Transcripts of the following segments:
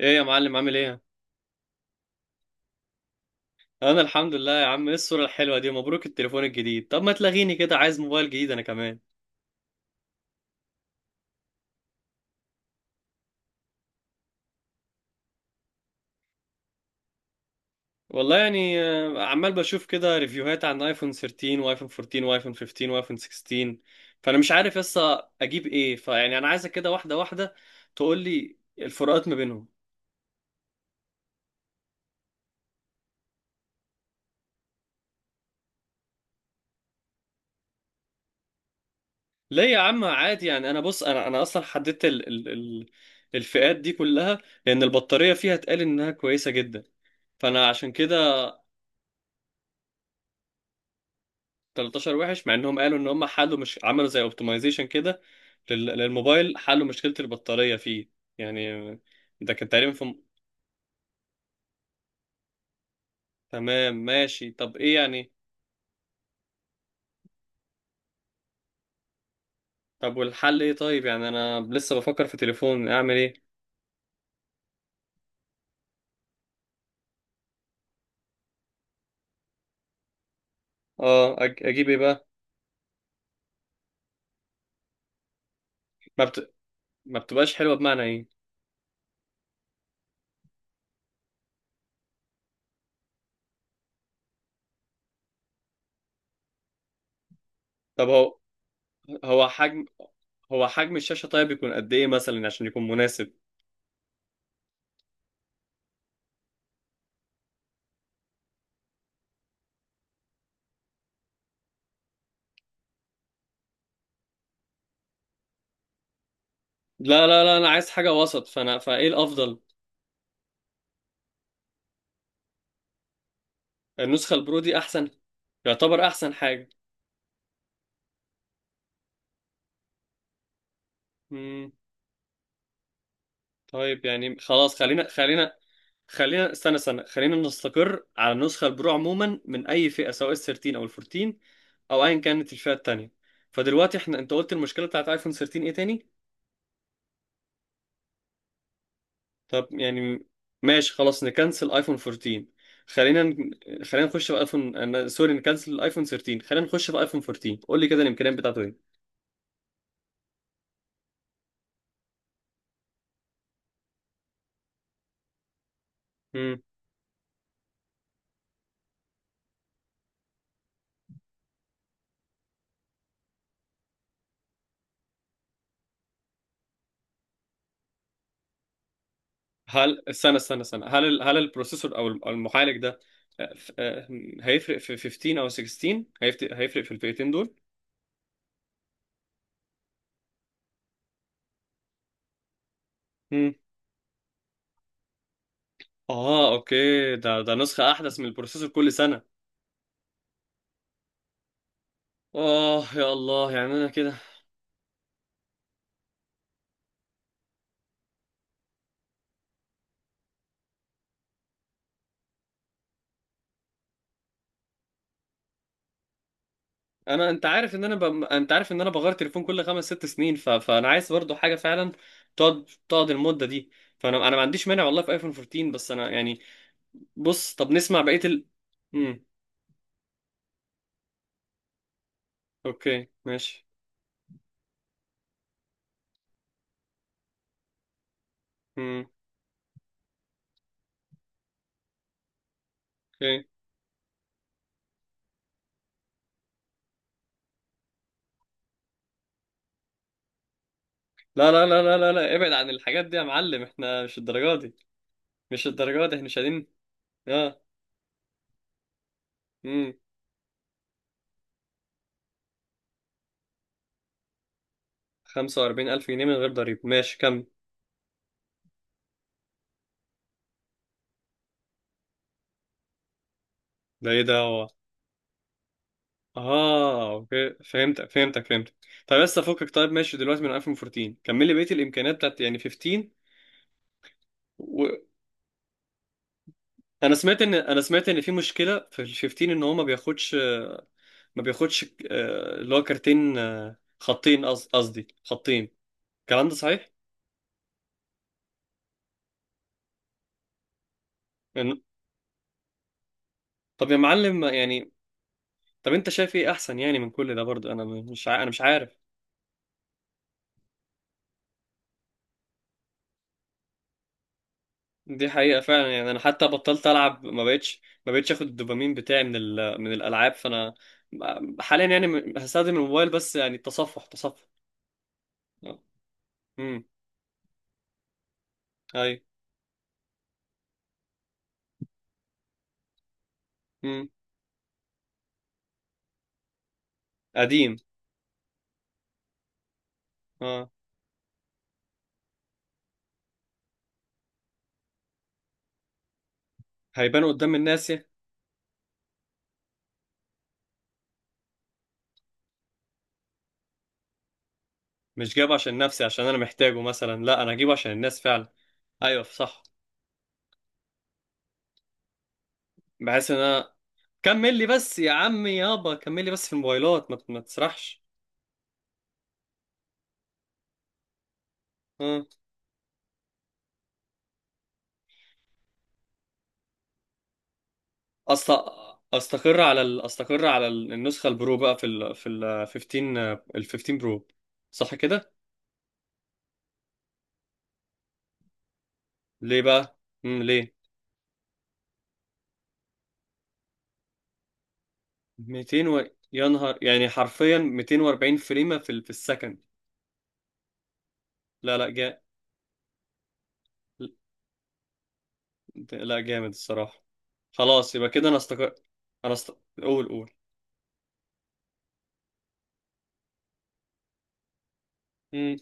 ايه يا معلم، عامل ايه؟ انا الحمد لله يا عم. ايه الصورة الحلوة دي؟ مبروك التليفون الجديد. طب ما تلاغيني كده، عايز موبايل جديد انا كمان. والله يعني عمال بشوف كده ريفيوهات عن ايفون 13 وايفون 14 وايفون 15 وايفون 16، فانا مش عارف لسه اجيب ايه. فيعني انا عايزك كده واحدة واحدة تقول لي الفروقات ما بينهم. ليه يا عم؟ عادي يعني. انا بص، انا اصلا حددت ال الفئات دي كلها، لان البطارية فيها اتقال انها كويسة جدا، فانا عشان كده. 13 وحش، مع انهم قالوا ان هم حلوا، مش عملوا زي اوبتمايزيشن كده للموبايل، حلوا مشكلة البطارية فيه يعني. ده كان تقريبا في تمام. ماشي طب ايه يعني؟ طب والحل ايه طيب؟ يعني انا لسه بفكر في تليفون، اعمل ايه؟ اه، اجيب ايه بقى؟ ما, بت... ما بتبقاش حلوة بمعنى ايه؟ طب هو، هو حجم هو حجم الشاشة طيب يكون قد ايه مثلا عشان يكون مناسب؟ لا لا لا، انا عايز حاجة وسط، فانا فايه الافضل؟ النسخة البرو دي احسن. يعتبر احسن حاجة. طيب يعني خلاص، خلينا خلينا خلينا استنى استنى، خلينا نستقر على النسخة البرو عموما من أي فئة، سواء ال 13 أو ال 14 أو أيا كانت الفئة التانية. فدلوقتي احنا، أنت قلت المشكلة بتاعت أيفون 13 إيه تاني؟ طب يعني، ماشي خلاص، نكنسل أيفون 14. خلينا ن... خلينا نخش في أيفون أنا... سوري، نكنسل أيفون 13، خلينا نخش في أيفون 14. قول لي كده الإمكانيات بتاعته. إيه؟ استنى استنى استنى، هل هل البروسيسور أو المعالج ده، آه، ف- آه، هيفرق في 15 او 16؟ هيفرق في الفئتين دول؟ مم. اه اوكي، ده نسخة احدث من البروسيسور كل سنة. اه يا الله يعني انا كده. انا، انت عارف ان انا بغير تليفون كل 5 6 سنين. فانا عايز برضو حاجة فعلا تقعد المدة دي. فانا ما عنديش مانع والله في ايفون 14، بس انا يعني. بص، طب نسمع بقية ال. مم. اوكي ماشي. مم. اوكي. لا لا لا لا لا لا، ابعد عن الحاجات دي يا معلم، احنا مش الدرجة دي. مش الدرجة دي، احنا شادين. اه. امم 45 ألف جنيه من غير ضريبة، ماشي. كم ده؟ ايه ده هو؟ اه اوكي، فهمتك فهمتك فهمتك. طب بس افكك. طيب، ماشي دلوقتي، من 2014 كمل لي بقية الامكانيات بتاعت يعني 15. و... انا سمعت، ان في مشكلة في ال 15، ان هو ما بياخدش، اللي هو كارتين، خطين، قصدي خطين. الكلام ده صحيح؟ يعني- طب يا معلم يعني، طب انت شايف ايه احسن يعني من كل ده؟ برضه انا مش عارف. دي حقيقة فعلا يعني، انا حتى بطلت العب، ما بقتش اخد الدوبامين بتاعي من الالعاب، فانا حاليا يعني، هستخدم الموبايل بس يعني تصفح. امم. اي. امم قديم. اه هيبان قدام الناس، يا. مش جايبه عشان نفسي عشان انا محتاجه مثلا، لا، انا هجيبه عشان الناس فعلا. ايوه صح، بحيث ان انا، كمل لي بس يا عمي يابا، كمل لي بس في الموبايلات، ما, ما تسرحش. آه. أست... استقر على النسخه البرو بقى في ال 15، ال 15 برو. صح كده؟ ليه بقى؟ ليه؟ 200 يا نهار، يعني حرفيا 240 فريمه في السكند. لا لا جا... لا، جامد الصراحه. خلاص يبقى كده انا استقر. انا است... قول قول. امم.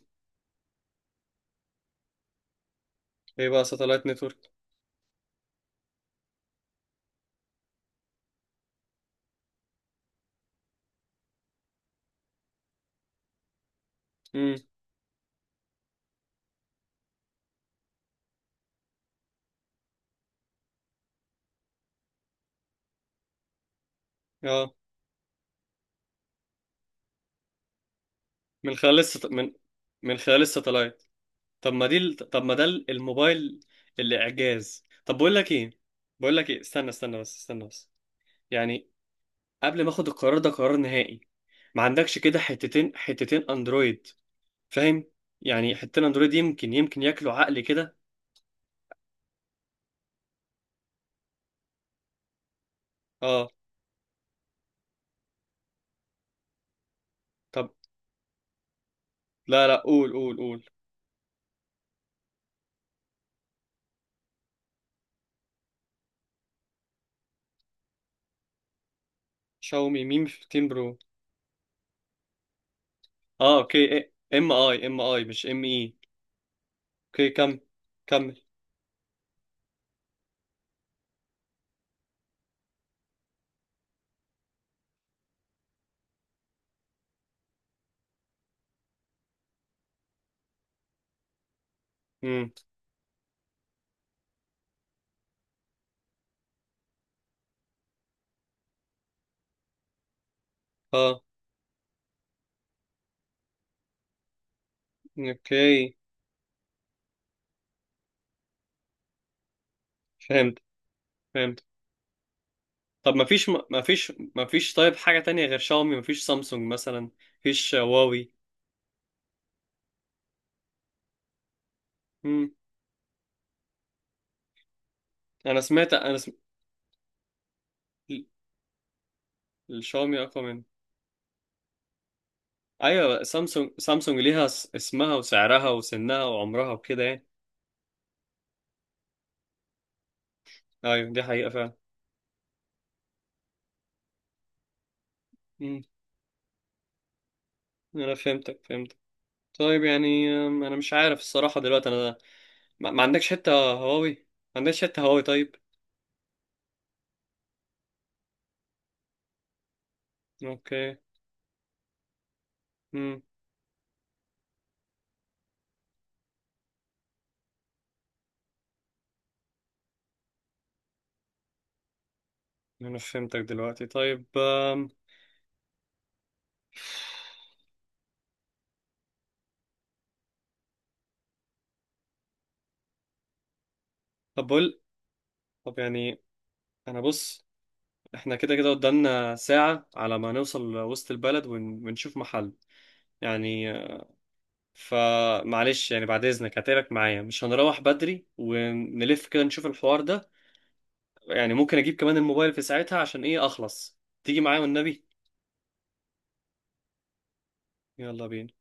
ايه بقى ساتلايت نتورك؟ امم. اه من، من خلال الساتلايت. طب ما دي طب ما ده الموبايل اللي اعجاز. طب بقول لك ايه. بقول لك ايه، استنى استنى بس، استنى بس يعني، قبل ما اخد القرار ده قرار نهائي. ما عندكش كده حتتين حتتين اندرويد؟ فاهم؟ يعني حتتين اندرويد يمكن يمكن ياكلوا عقلي كده. اه. طب لا لا، قول قول قول. شاومي ميم 15 برو؟ اه اوكي. إيه. ام اي، ام اي مش ام اي. اوكي كم؟ كمل. امم. اه اوكي، فهمت فهمت. طب ما فيش، ما فيش، ما فيش طيب حاجة تانية غير شاومي؟ ما فيش سامسونج مثلا؟ ما فيش هواوي؟ مم. انا سمعت، ال- الشاومي اقوى من. ايوه، سامسونج سامسونج ليها اسمها وسعرها وسنها وعمرها وكده يعني. ايوه، دي حقيقة فعلا. مم. انا فهمتك. طيب يعني انا مش عارف الصراحة دلوقتي انا، ما, ما عندكش حتة هواوي؟ ما عندكش حتة هواوي؟ طيب اوكي. مم. انا فهمتك دلوقتي. طيب طب بقول، طب يعني انا بص، احنا كده كده قدامنا ساعة على ما نوصل وسط البلد، ونشوف محل يعني. فمعلش يعني، بعد اذنك، هتقلك معايا، مش هنروح بدري، ونلف كده نشوف الحوار ده يعني. ممكن اجيب كمان الموبايل في ساعتها، عشان ايه اخلص تيجي معايا والنبي. يلا بينا.